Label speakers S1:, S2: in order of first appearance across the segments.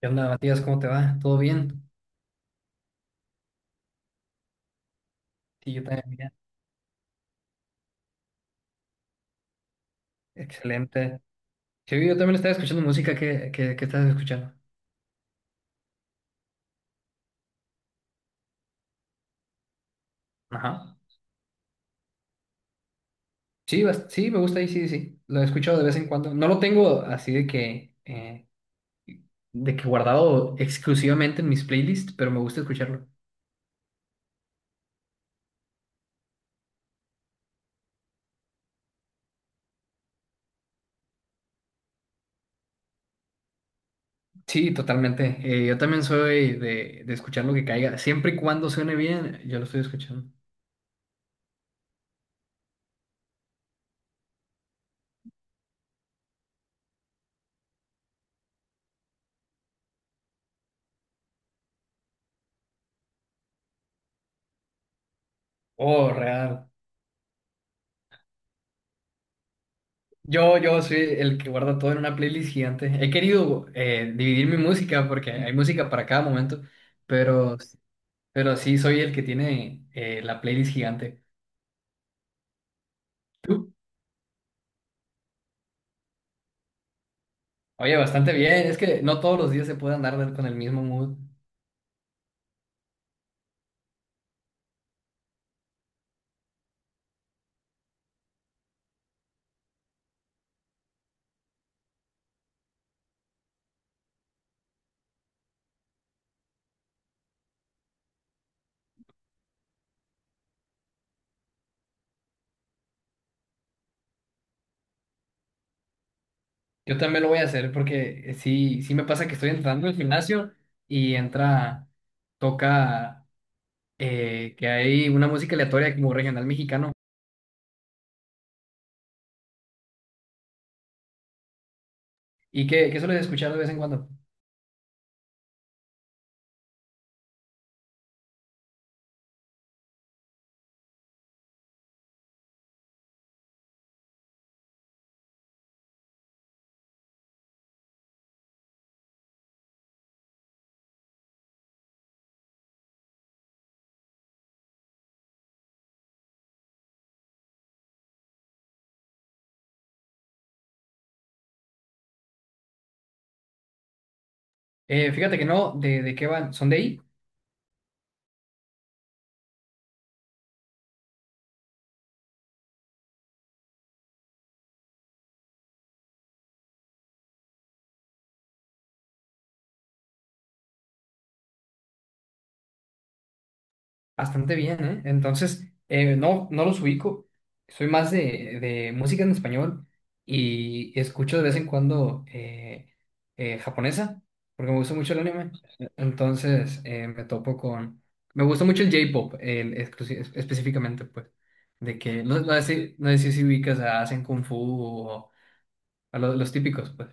S1: ¿Qué onda, Matías? ¿Cómo te va? ¿Todo bien? Sí, yo también, bien. Excelente. Sí, yo también estaba escuchando música. ¿Qué estás escuchando? Ajá. Sí, sí, me gusta y sí, sí. sí. Lo he escuchado de vez en cuando. No lo tengo así de que guardado exclusivamente en mis playlists, pero me gusta escucharlo. Sí, totalmente. Yo también soy de escuchar lo que caiga. Siempre y cuando suene bien, yo lo estoy escuchando. Oh, real. Yo soy el que guarda todo en una playlist gigante. He querido dividir mi música porque hay música para cada momento, pero, pero sí soy el que tiene la playlist gigante. ¿Tú? Oye, bastante bien. Es que no todos los días se puede andar con el mismo mood. Yo también lo voy a hacer porque sí, sí me pasa que estoy entrando al gimnasio y entra, toca que hay una música aleatoria como regional mexicano y qué sueles escuchar de vez en cuando. Fíjate que no, ¿de qué van? ¿Son de ahí? Bastante bien, ¿eh? Entonces, no, no los ubico. Soy más de música en español y escucho de vez en cuando japonesa, porque me gusta mucho el anime. Entonces, me topo con. Me gusta mucho el J-pop, el específicamente, pues. De que, no, no sé, si no sé si ubicas a Hacen Kung Fu o a los, típicos, pues.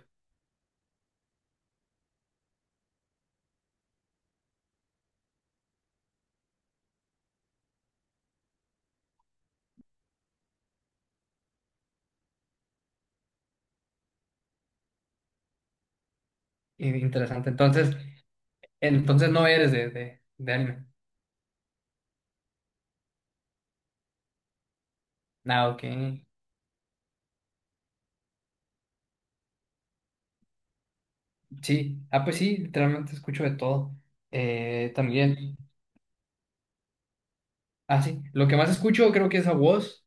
S1: Interesante. Entonces, no eres de anime. Ah, ok. Sí, ah, pues sí, literalmente escucho de todo. También, ah, sí, lo que más escucho creo que es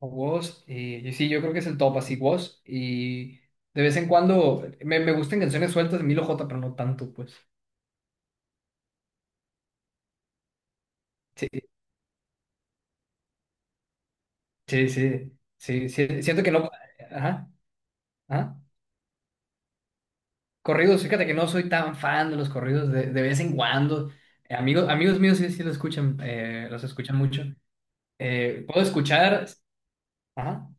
S1: a Woz, y sí, yo creo que es el top, así Woz, y de vez en cuando me gustan canciones sueltas de Milo J, pero no tanto, pues. Sí, sí, sí, sí, sí, siento que no, ajá, ajá. Corridos, fíjate que no soy tan fan de los corridos de vez en cuando. Amigos míos sí, sí los escuchan mucho. Puedo escuchar, ajá.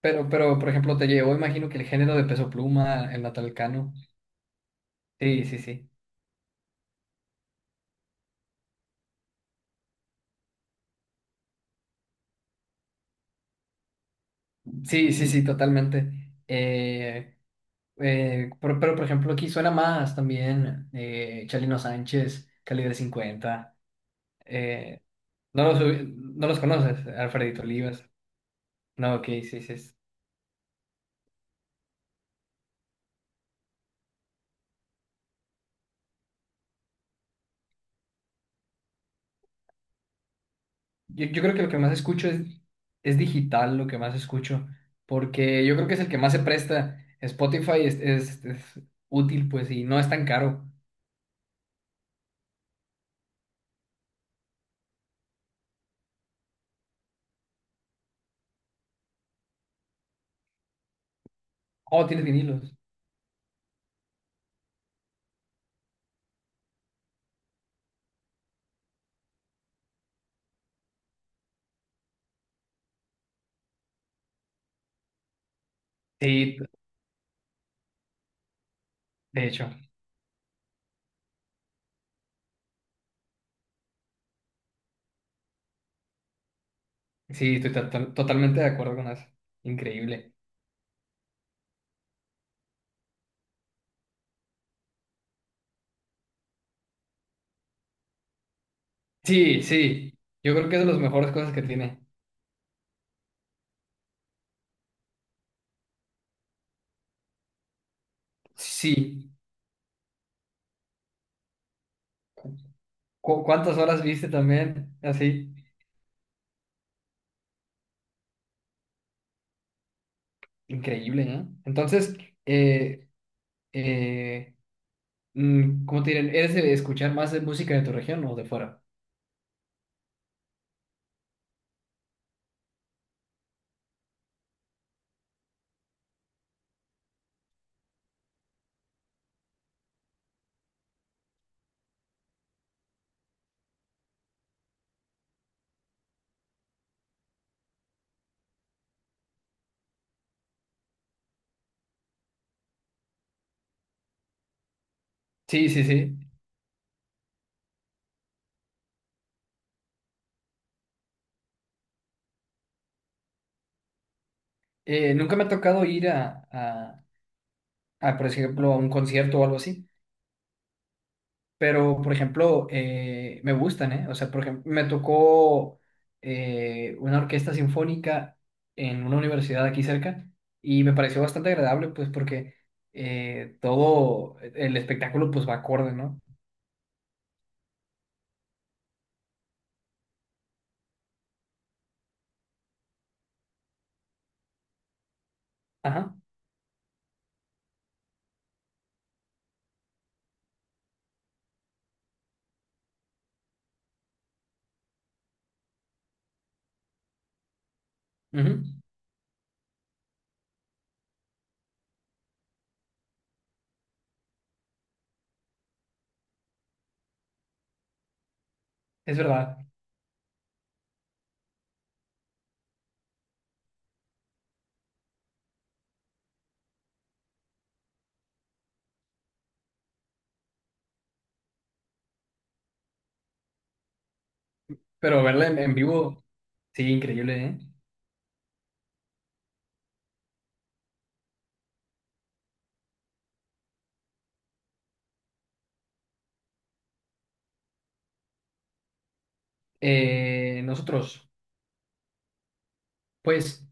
S1: Pero, por ejemplo, te llevó, imagino que el género de Peso Pluma, el Natalcano. Sí, sí, sí. Sí, sí, sí, totalmente. Eh, pero, por ejemplo, aquí suena más también Chalino Sánchez, Calibre 50 eh, no los conoces, Alfredito Olivas. No, ok, sí, sí. Yo creo que lo que más escucho es, digital, lo que más escucho, porque yo creo que es el que más se presta. Spotify es, es útil, pues, y no es tan caro. Oh, tienes vinilos. Sí, de hecho, sí, estoy totalmente de acuerdo con eso. Increíble. Sí, sí, yo creo que es de las mejores cosas que tiene. Sí, ¿cuántas horas viste también? Así, increíble, ¿no? Entonces, eh, eh, ¿cómo te diré? ¿Eres de escuchar más de música de tu región o de fuera? Sí, sí, sí. Nunca me ha tocado ir a, por ejemplo, a un concierto o algo así. Pero, por ejemplo, me gustan, ¿eh? O sea, por ejemplo, me tocó una orquesta sinfónica en una universidad aquí cerca y me pareció bastante agradable, pues, porque todo el espectáculo, pues, va acorde, ¿no? Ajá, ujú, es verdad. Pero verla en vivo, sí, increíble, ¿eh? Nosotros, pues.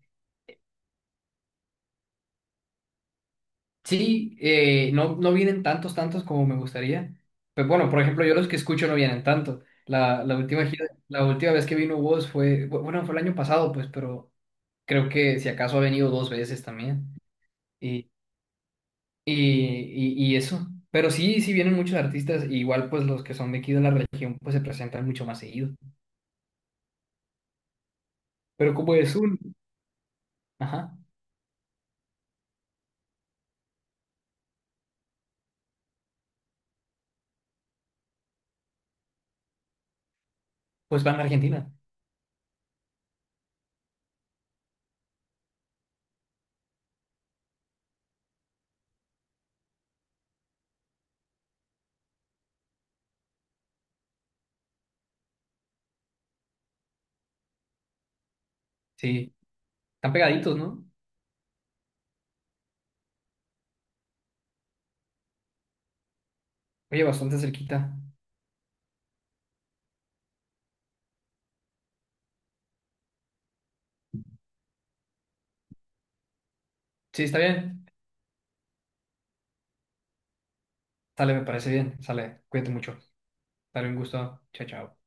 S1: Sí, no, no vienen tantos, tantos como me gustaría. Pues bueno, por ejemplo, yo los que escucho no vienen tanto. La última la última vez que vino Woz fue, bueno, fue el año pasado, pues, pero creo que si acaso ha venido dos veces también. Y, y eso. Pero sí, sí vienen muchos artistas, e igual pues los que son de aquí de la región, pues se presentan mucho más seguido. Pero como es un, ajá, pues van a Argentina. Sí, están pegaditos, ¿no? Oye, bastante cerquita. Sí, está bien. Sale, me parece bien. Sale, cuídate mucho. Dale un gusto. Chao, chao.